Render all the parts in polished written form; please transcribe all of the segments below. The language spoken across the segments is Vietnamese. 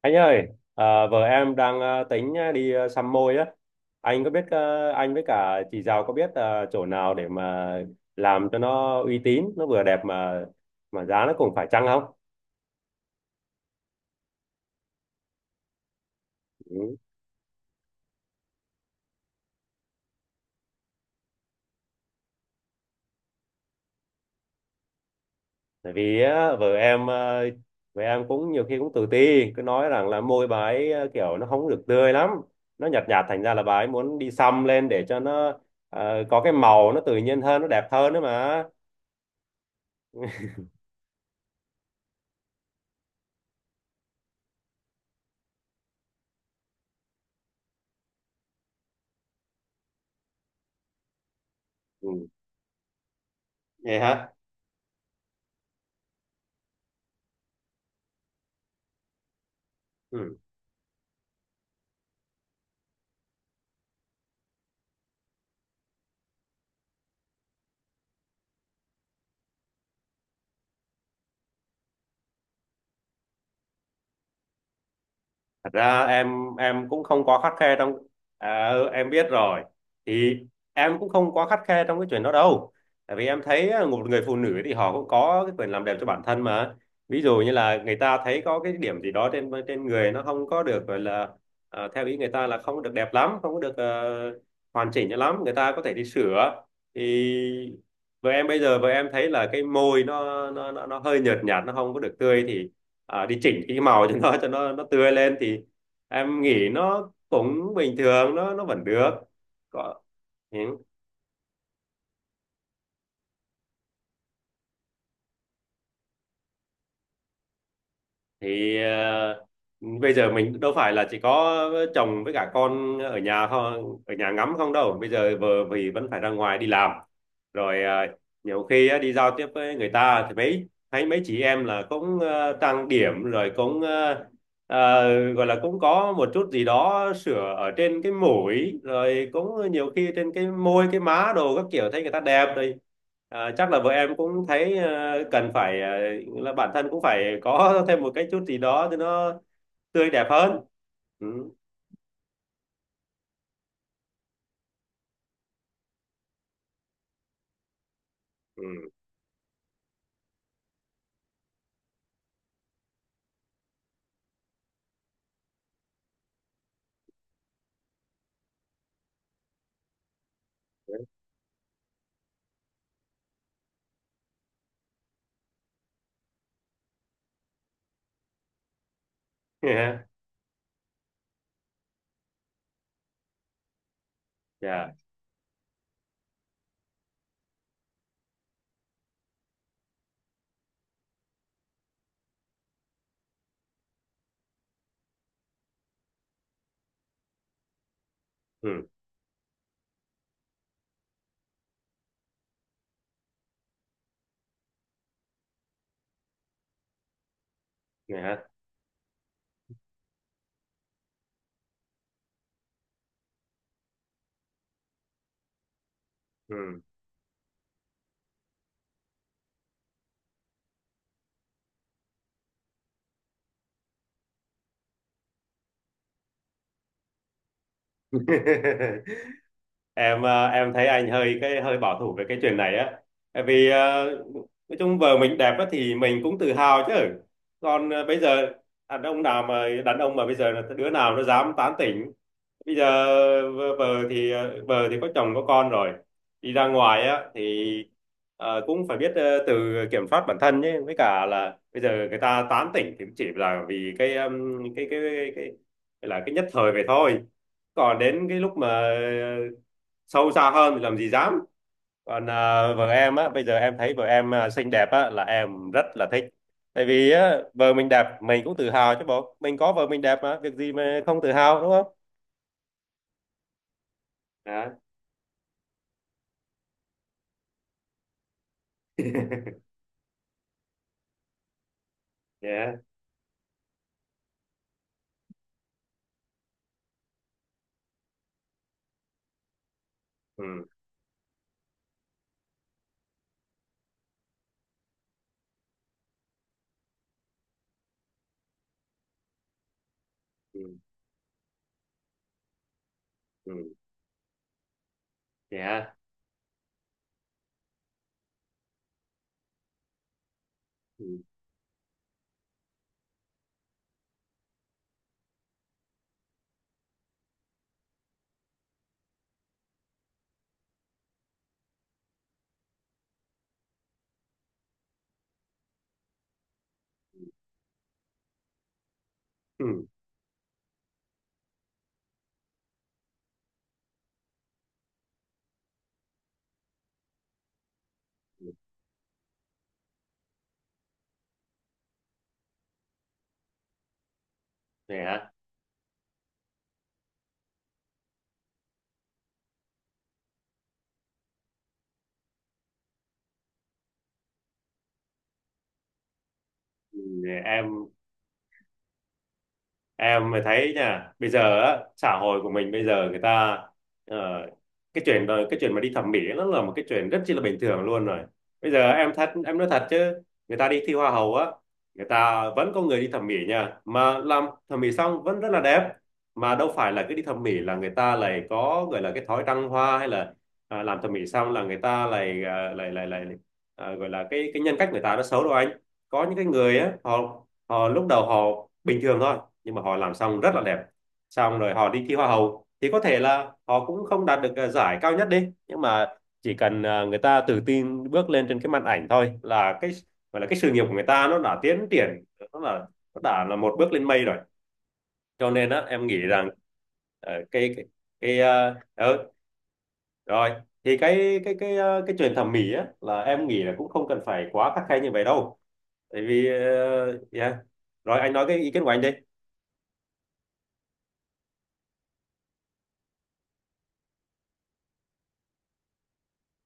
Anh ơi, vợ em đang tính đi xăm môi á. Anh có biết anh với cả chị Giàu có biết chỗ nào để mà làm cho nó uy tín, nó vừa đẹp mà giá nó cũng phải chăng không? Ừ. Tại vì á, vợ em cũng nhiều khi cũng tự ti, cứ nói rằng là môi bà ấy kiểu nó không được tươi lắm, nó nhạt nhạt thành ra là bà ấy muốn đi xăm lên để cho nó có cái màu nó tự nhiên hơn, nó đẹp hơn nữa mà. Ừ. Vậy hả? Ừ. Thật ra em cũng không quá khắt khe trong, ừ, em biết rồi, thì em cũng không quá khắt khe trong cái chuyện đó đâu. Tại vì em thấy á, một người phụ nữ thì họ cũng có cái quyền làm đẹp cho bản thân mà. Ví dụ như là người ta thấy có cái điểm gì đó trên trên người nó không có được gọi là, theo ý người ta là không được đẹp lắm, không có được, hoàn chỉnh cho lắm, người ta có thể đi sửa. Thì vợ em bây giờ, vợ em thấy là cái môi nó hơi nhợt nhạt, nó không có được tươi thì đi chỉnh cái màu cho nó, cho nó tươi lên thì em nghĩ nó cũng bình thường, nó vẫn được có. Ừ. Thì bây giờ mình đâu phải là chỉ có chồng với cả con ở nhà không, ở nhà ngắm không đâu, bây giờ vợ vì vẫn phải ra ngoài đi làm. Rồi nhiều khi á, đi giao tiếp với người ta thì mấy thấy mấy chị em là cũng trang điểm rồi cũng Ờ, gọi là cũng có một chút gì đó sửa ở trên cái mũi, rồi cũng nhiều khi trên cái môi cái má đồ các kiểu, thấy người ta đẹp rồi. Chắc là vợ em cũng thấy cần phải, là bản thân cũng phải có thêm một cái chút gì đó thì nó tươi đẹp hơn. Ừ. Ừ. Yeah. Yeah. Ừ. Yeah. Ừ. Em thấy anh hơi cái hơi bảo thủ về cái chuyện này á. Tại vì nói chung vợ mình đẹp á thì mình cũng tự hào chứ. Còn bây giờ đàn ông nào mà, đàn ông mà bây giờ là đứa nào nó dám tán tỉnh. Bây giờ vợ thì vợ thì có chồng có con rồi, đi ra ngoài á thì cũng phải biết tự kiểm soát bản thân nhé, với cả là bây giờ người ta tán tỉnh thì chỉ là vì cái, cái gọi là cái nhất thời vậy thôi. Còn đến cái lúc mà sâu xa hơn thì làm gì dám. Còn vợ em á, bây giờ em thấy vợ em xinh đẹp á là em rất là thích. Tại vì á, vợ mình đẹp mình cũng tự hào chứ bộ, mình có vợ mình đẹp mà việc gì mà không tự hào, đúng không? Vậy hả? Ừ. Ừ. Ừ. Vậy hả? Ừ. Ừ. Vậy. Ừ. Em em mới thấy nha, bây giờ á, xã hội của mình bây giờ người ta ờ, cái chuyện mà đi thẩm mỹ nó là một cái chuyện rất chi là bình thường luôn rồi. Bây giờ em thật, em nói thật chứ, người ta đi thi hoa hậu á, người ta vẫn có người đi thẩm mỹ nha, mà làm thẩm mỹ xong vẫn rất là đẹp. Mà đâu phải là cứ đi thẩm mỹ là người ta lại có gọi là cái thói trăng hoa, hay là làm thẩm mỹ xong là người ta lại, gọi là cái nhân cách người ta nó xấu đâu anh. Có những cái người á, họ họ lúc đầu họ bình thường thôi, nhưng mà họ làm xong rất là đẹp, xong rồi họ đi thi hoa hậu thì có thể là họ cũng không đạt được giải cao nhất đi, nhưng mà chỉ cần người ta tự tin bước lên trên cái màn ảnh thôi là cái gọi là cái sự nghiệp của người ta nó đã tiến triển, nó là nó đã là một bước lên mây rồi. Cho nên á em nghĩ rằng, ờ, cái cái, cái ừ, rồi. Thì cái cái chuyện thẩm mỹ á là em nghĩ là cũng không cần phải quá khắt khe như vậy đâu. Tại vì yeah. Rồi anh nói cái ý kiến của anh đi.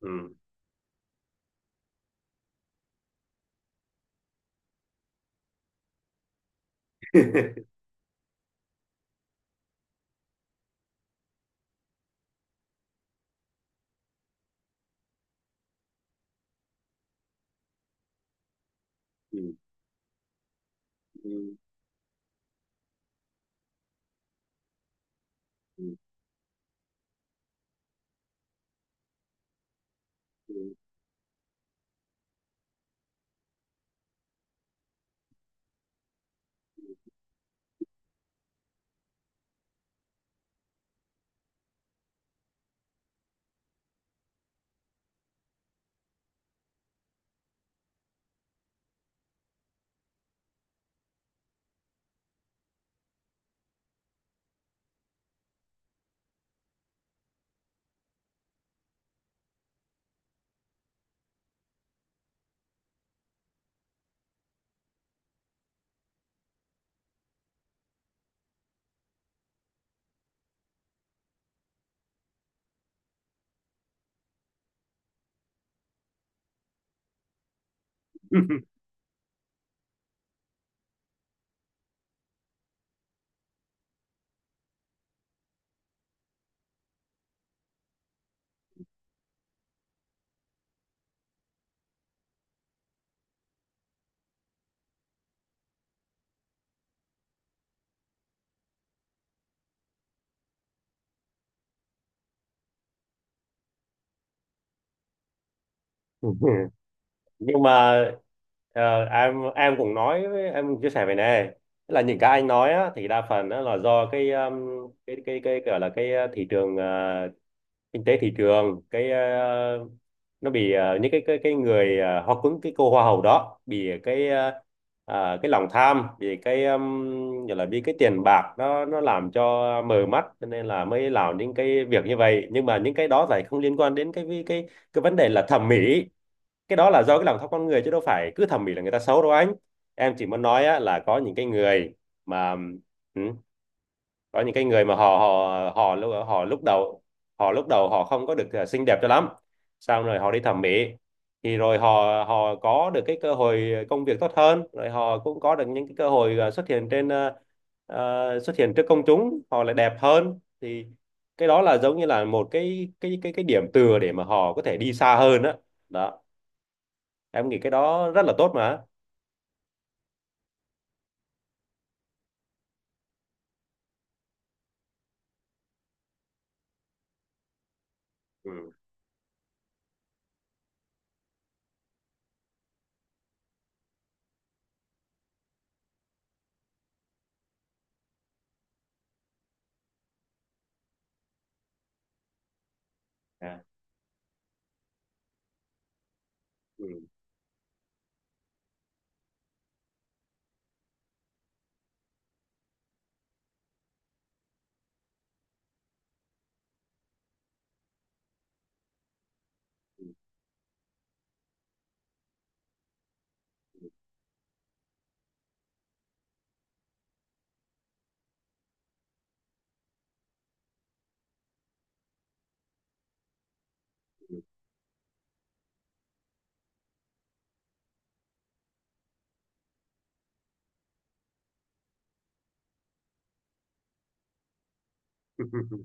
Ừ. Ừ. Ừ. Ừ. Nhưng mà em cũng chia sẻ về này. Tức là những cái anh nói á, thì đa phần á, là do cái, cái gọi là cái thị trường, kinh tế thị trường, cái nó bị những cái người ờ, hoa cứng cái cô hoa hậu đó bị cái, ờ, cái lòng tham vì cái, gọi là vì cái tiền bạc, nó làm cho mờ mắt cho nên là mới làm những cái việc như vậy, nhưng mà những cái đó lại không liên quan đến cái vấn đề là thẩm mỹ. Cái đó là do cái lòng tham con người chứ đâu phải cứ thẩm mỹ là người ta xấu đâu anh. Em chỉ muốn nói á, là có những cái người mà, ừ, có những cái người mà họ họ họ lúc đầu họ lúc đầu họ không có được xinh đẹp cho lắm, xong rồi họ đi thẩm mỹ thì rồi họ họ có được cái cơ hội công việc tốt hơn, rồi họ cũng có được những cái cơ hội à, xuất hiện trên à, à, xuất hiện trước công chúng, họ lại đẹp hơn thì cái đó là giống như là một cái điểm tựa để mà họ có thể đi xa hơn á. Đó. Em nghĩ cái đó rất là tốt mà. Ừ. À. Ừ.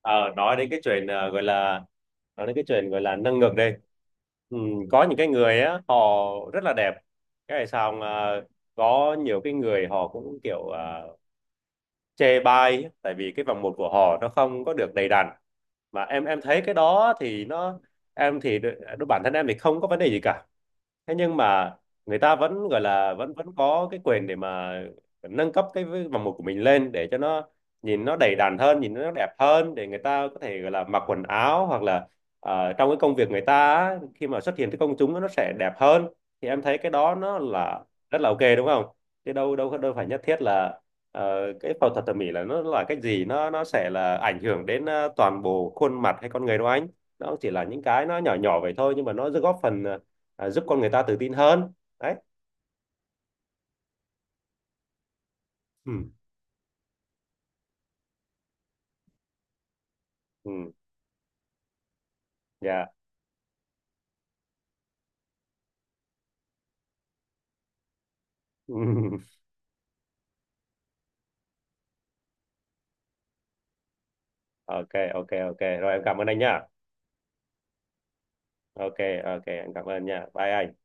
ờ, nói đến cái chuyện ờ, gọi là nói đến cái chuyện gọi là nâng ngực đi. Ừ, có những cái người á, họ rất là đẹp. Cái này sao, có nhiều cái người họ cũng kiểu chê bai tại vì cái vòng một của họ nó không có được đầy đặn. Mà em thấy cái đó thì nó, em thì bản thân em thì không có vấn đề gì cả. Thế nhưng mà người ta vẫn gọi là vẫn vẫn có cái quyền để mà nâng cấp cái vòng một của mình lên để cho nó nhìn nó đầy đặn hơn, nhìn nó đẹp hơn, để người ta có thể gọi là mặc quần áo, hoặc là trong cái công việc người ta á, khi mà xuất hiện trước công chúng nó sẽ đẹp hơn. Thì em thấy cái đó nó là rất là ok, đúng không? Chứ đâu đâu đâu phải nhất thiết là cái phẫu thuật thẩm mỹ là nó là cái gì, nó sẽ là ảnh hưởng đến toàn bộ khuôn mặt hay con người đâu anh. Nó chỉ là những cái nó nhỏ nhỏ vậy thôi, nhưng mà nó góp phần giúp con người ta tự tin hơn. Đấy. Ừ. Ừ. Dạ. Ok, ok, ok, rồi em cảm ơn anh nhá. Ok. Ok, em cảm ơn nha, bye anh.